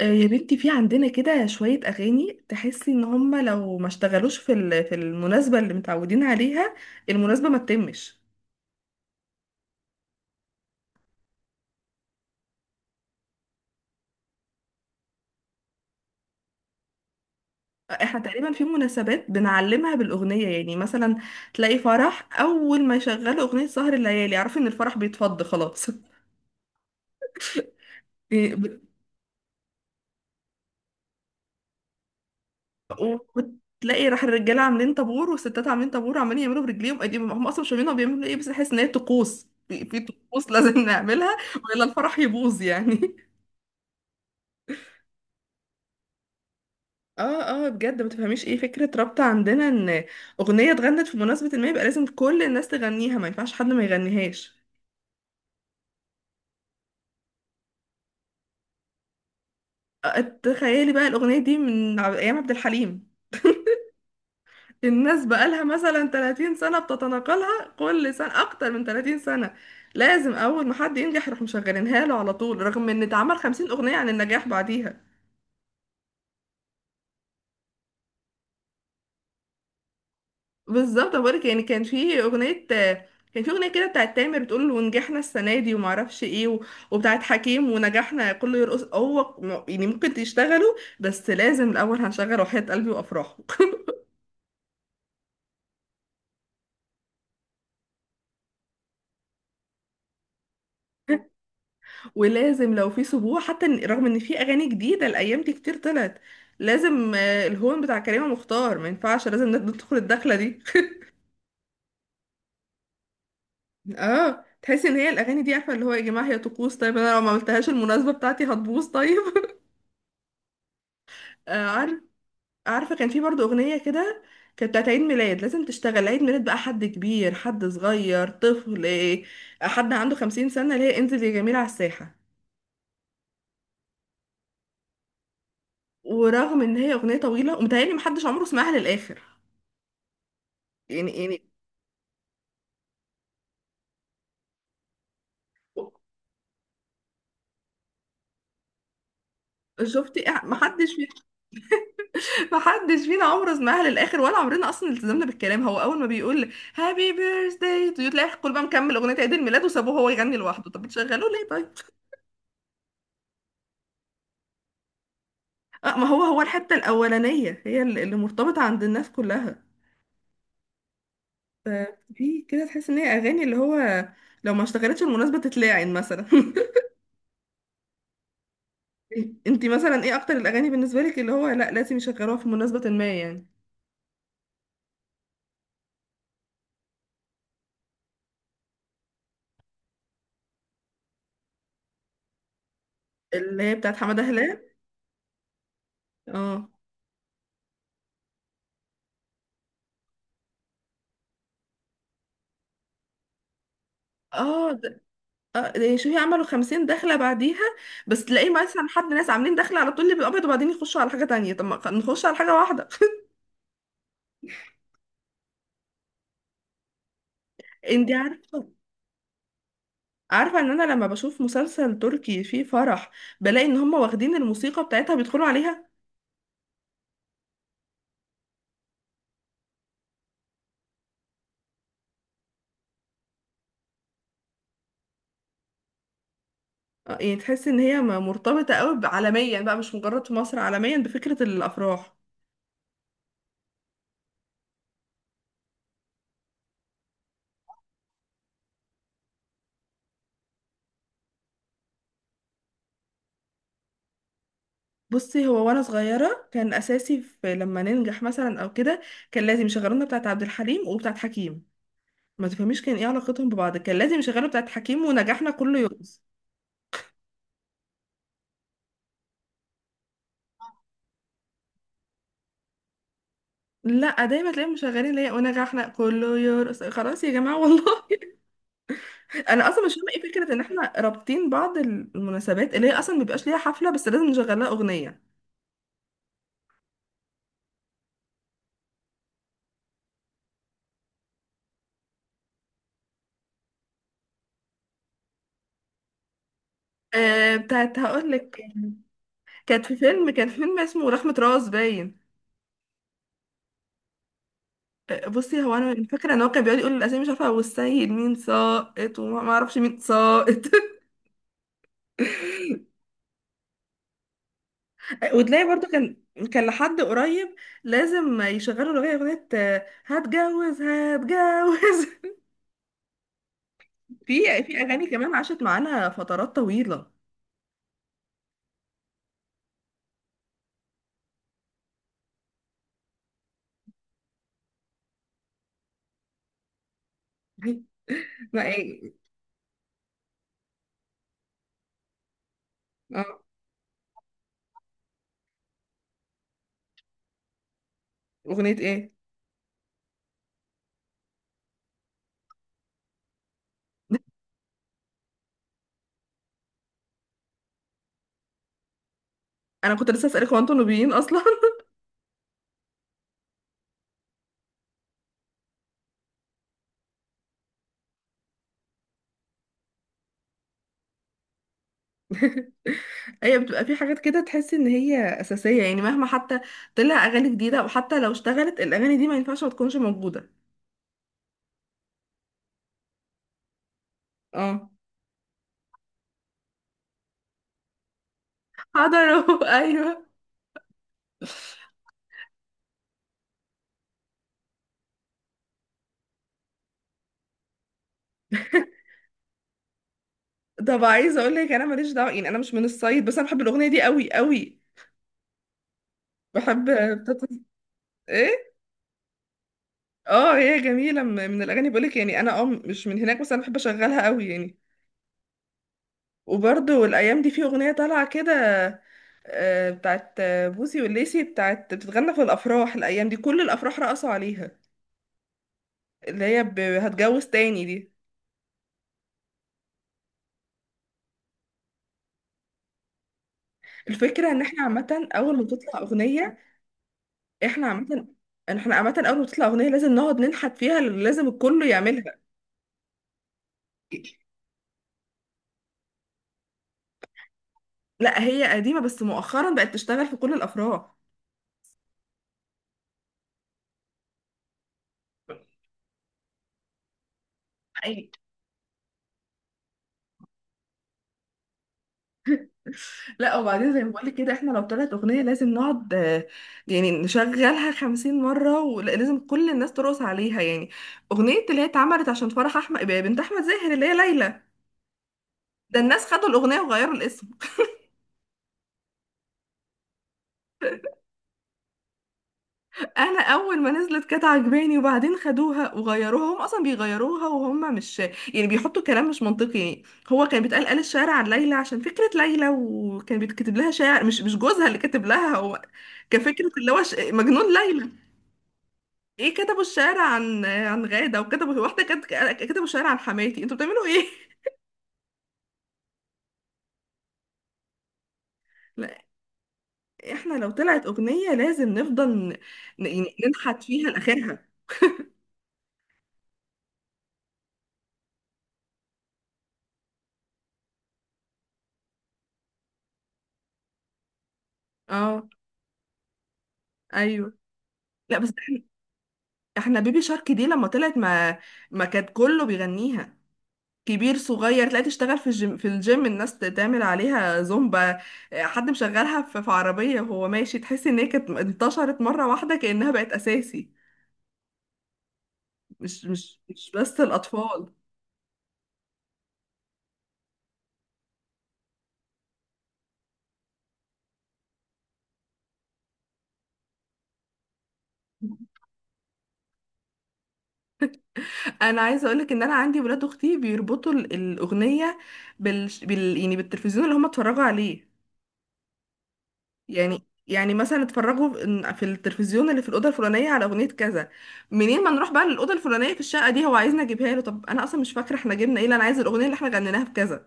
آه، يا بنتي في عندنا كده شوية أغاني تحسي إن هما لو ما اشتغلوش في في المناسبة اللي متعودين عليها. المناسبة ما تتمش. احنا تقريبا في مناسبات بنعلمها بالأغنية، يعني مثلا تلاقي فرح أول ما يشغلوا أغنية سهر الليالي اعرفي إن الفرح بيتفض خلاص. إيه، وتلاقي راح الرجالة عاملين طابور والستات عاملين طابور وعمالين يعملوا برجليهم ايديهم، هم أصلا مش فاهمين هما بيعملوا إيه، بس تحس إن هي طقوس، في طقوس لازم نعملها وإلا الفرح يبوظ يعني. اه، اه، بجد ما تفهميش ايه فكرة رابطة عندنا ان اغنية اتغنت في مناسبة ما يبقى لازم كل الناس تغنيها، ما ينفعش حد ما يغنيهاش. آه، تخيلي بقى الاغنية دي من ايام عبد الحليم، الناس بقالها مثلا 30 سنة بتتناقلها كل سنة، اكتر من 30 سنة لازم اول ما حد ينجح يروح مشغلينها له على طول، رغم ان اتعمل 50 اغنية عن النجاح بعديها. بالظبط، بقولك يعني كان في اغنيه كده بتاعت تامر بتقول ونجحنا السنه دي وما اعرفش ايه و. وبتاعت حكيم ونجحنا كله يرقص، هو يعني ممكن تشتغلوا بس لازم الاول هنشغل وحياة قلبي وافراحه. ولازم لو في سبوع حتى رغم ان في اغاني جديده الايام دي كتير طلعت، لازم الهون بتاع كريمه مختار ما ينفعش، لازم ندخل الدخله دي. اه، تحسي ان هي الاغاني دي، عارفه اللي هو يا جماعه هي طقوس، طيب انا لو ما عملتهاش المناسبه بتاعتي هتبوظ طيب. عارفه. عارفة كان في برضو أغنية كده كانت بتاعت عيد ميلاد لازم تشتغل عيد ميلاد بقى، حد كبير حد صغير طفل إيه، حد عنده 50 سنة، اللي هي انزل يا جميل على الساحة. ورغم إن هي أغنية طويلة ومتهيألي محدش عمره سمعها للآخر، يعني. شفتي إيه؟ محدش فينا. محدش فينا عمره سمعها للآخر ولا عمرنا أصلا التزمنا بالكلام، هو أول ما بيقول هابي بيرثداي تو يو تلاقي الكل بقى مكمل أغنية عيد الميلاد وسابوه هو يغني لوحده، طب بتشغلوه ليه طيب؟ آه، ما هو هو الحتة الأولانية هي اللي مرتبطة عند الناس كلها. ف- في كده تحس ان هي اغاني اللي هو لو ما اشتغلتش المناسبة تتلاعن مثلا. انتي مثلا ايه اكتر الاغاني بالنسبة لك، اللي هو لا لازم يشغلوها في مناسبة ما يعني؟ اللي هي بتاعت حمادة هلال. اه، اه، اه، ده شوفي عملوا 50 دخلة بعديها، بس تلاقي مثلا حد، ناس عاملين دخلة على طول الابيض وبعدين يخشوا على حاجة تانية، طب ما نخش على حاجة واحدة. انتي عارفة. عارفة ان انا لما بشوف مسلسل تركي فيه فرح بلاقي ان هم واخدين الموسيقى بتاعتها بيدخلوا عليها. آه، يعني تحس ان هي مرتبطه قوي عالميا بقى، مش مجرد في مصر، عالميا بفكره الافراح. بصي، هو وانا صغيره كان اساسي في لما ننجح مثلا او كده كان لازم يشغلونا بتاعه عبد الحليم وبتاعه حكيم، ما تفهميش كان ايه علاقتهم ببعض، كان لازم يشغلوا بتاعه حكيم ونجاحنا كله يرقص. لا، دايما تلاقيهم مشغلين اللي هي ونجاحنا كله يرقص، خلاص يا جماعه والله. انا اصلا مش فاهمه ايه فكره ان احنا رابطين بعض المناسبات اللي هي اصلا مبيبقاش ليها حفله بس لازم نشغل لها اغنيه. آه، بتاعت هقول لك، كانت في فيلم، كان فيلم اسمه رخمة راس باين. آه، بصي، هو انا فاكره ان هو كان بيقعد يقول الاسامي مش عارفه والسيد مين ساقط وما ما اعرفش مين ساقط. وتلاقي برضو كان لحد قريب لازم يشغلوا الاغنيه اغنيه هتجوز هتجوز. في اغاني كمان عاشت معانا فترات طويله. ما ايه. اه، اغنيه ايه؟ انا كنت لسه اسالك هو انتوا نوبيين اصلا؟ ايوه، بتبقى في حاجات كده تحس ان هي اساسيه، يعني مهما حتى طلع اغاني جديده او حتى لو اشتغلت الاغاني دي ما ينفعش ما تكونش موجوده. اه، حضروا. ايوه. طب عايزه اقول لك انا ماليش دعوه يعني، انا مش من الصعيد بس انا بحب الاغنيه دي قوي قوي. بحب. بتاعت- ايه، اه هي جميله، من الاغاني بقول لك يعني، انا مش من هناك بس انا بحب اشغلها قوي يعني. وبرضه الايام دي في اغنيه طالعه كده، بتاعت بوسي والليسي بتاعت بتتغنى في الافراح الايام دي، كل الافراح رقصوا عليها، اللي هي هتجوز تاني دي. الفكره ان احنا عامه احنا عامه اول ما تطلع اغنيه لازم نقعد ننحت فيها، لازم الكل يعملها. لا، هي قديمه بس مؤخرا بقت تشتغل في كل الافراح. لا، وبعدين زي ما بقولك كده احنا لو طلعت اغنية لازم نقعد، يعني نشغلها 50 مرة ولازم كل الناس ترقص عليها يعني. اغنية اللي هي اتعملت عشان فرح احمد بنت احمد زاهر اللي هي ليلى، ده الناس خدوا الاغنية وغيروا الاسم. انا اول ما نزلت كانت عجباني وبعدين خدوها وغيروها، هم اصلا بيغيروها وهم مش، يعني بيحطوا كلام مش منطقي يعني. هو كان بيتقال، قال الشعر عن ليلى عشان فكرة ليلى، وكان بيتكتب لها شعر، مش جوزها اللي كتب لها هو، كفكرة اللي هو مجنون ليلى. ايه، كتبوا الشعر عن غادة وكتبوا واحدة كانت. كتبوا الشعر عن حماتي، انتوا بتعملوا ايه؟ لا، احنا لو طلعت اغنية لازم نفضل يعني ننحت فيها لاخرها. اه، ايوه. لا، بس احنا بيبي شارك دي لما طلعت، ما كان كله بيغنيها، كبير صغير، تلاقي تشتغل في الجيم الناس تعمل عليها زومبا، حد مشغلها في عربية وهو ماشي، تحس ان هي كانت انتشرت مرة واحدة كأنها بقت اساسي، مش بس الاطفال. انا عايزه اقولك ان انا عندي ولاد اختي بيربطوا الاغنيه يعني بالتلفزيون اللي هم اتفرجوا عليه، يعني مثلا اتفرجوا في التلفزيون اللي في الاوضه الفلانيه على اغنيه كذا، منين ما نروح بقى للاوضه الفلانيه في الشقه دي، هو عايزنا اجيبها له، طب انا اصلا مش فاكره احنا جبنا ايه، لا، انا عايزه الاغنيه اللي احنا غنيناها في كذا.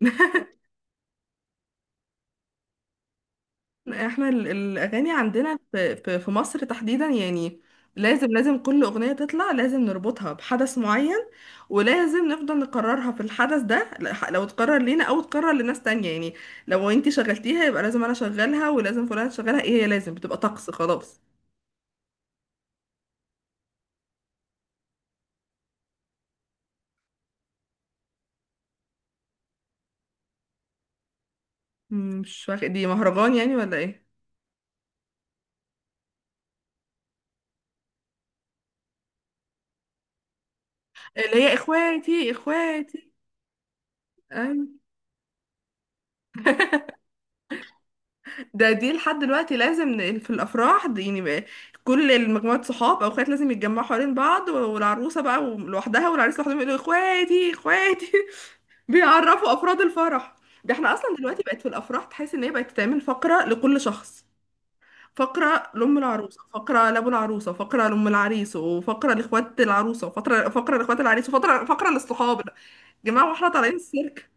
احنا الاغاني عندنا في مصر تحديدا يعني، لازم كل اغنيه تطلع لازم نربطها بحدث معين، ولازم نفضل نكررها في الحدث ده لو تكرر لينا او تكرر لناس تانية يعني. لو انتي شغلتيها يبقى لازم انا اشغلها ولازم فلان تشغلها، ايه هي لازم بتبقى طقس خلاص. مش فاكر دي مهرجان يعني ولا ايه؟ اللي هي اخواتي اخواتي. دي لحد دلوقتي لازم في الافراح دي يعني بقى، كل المجموعات صحاب او اخوات لازم يتجمعوا حوالين بعض والعروسه بقى لوحدها والعريس لوحدهم يقولوا اخواتي اخواتي. بيعرفوا افراد الفرح، ده احنا اصلا دلوقتي بقت في الافراح تحس ان هي بقت تعمل فقره لكل شخص، فقره لام العروسه، فقره لابو العروسه، فقره لام العريس، وفقره لاخوات العروسه، وفقره لاخوات العريس، وفقره للصحاب، يا جماعه واحنا طالعين السيرك.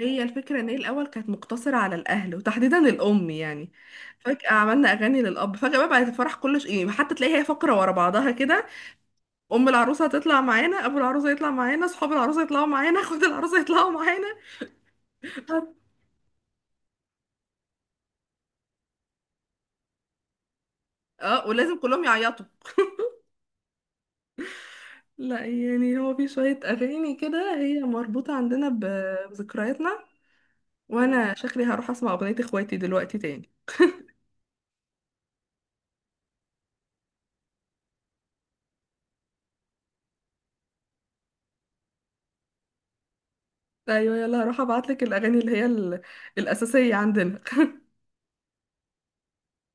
هي الفكرة ان هي الاول كانت مقتصرة على الاهل وتحديدا الام يعني، فجأة عملنا اغاني للاب، فجأة بقى بقت الفرح كله يعني حتى تلاقيها هي فقرة ورا بعضها كده، ام العروسة هتطلع معانا، ابو العروسة يطلع معانا، اصحاب العروسة يطلعوا معانا، اخوات العروسة يطلعوا معانا، اه ولازم كلهم يعيطوا. لا يعني هو في شوية اغاني كده هي مربوطة عندنا بذكرياتنا، وانا شكلي هروح اسمع اغنية اخواتي دلوقتي تاني. ايوه يلا، هروح ابعتلك الاغاني اللي هي الاساسية عندنا.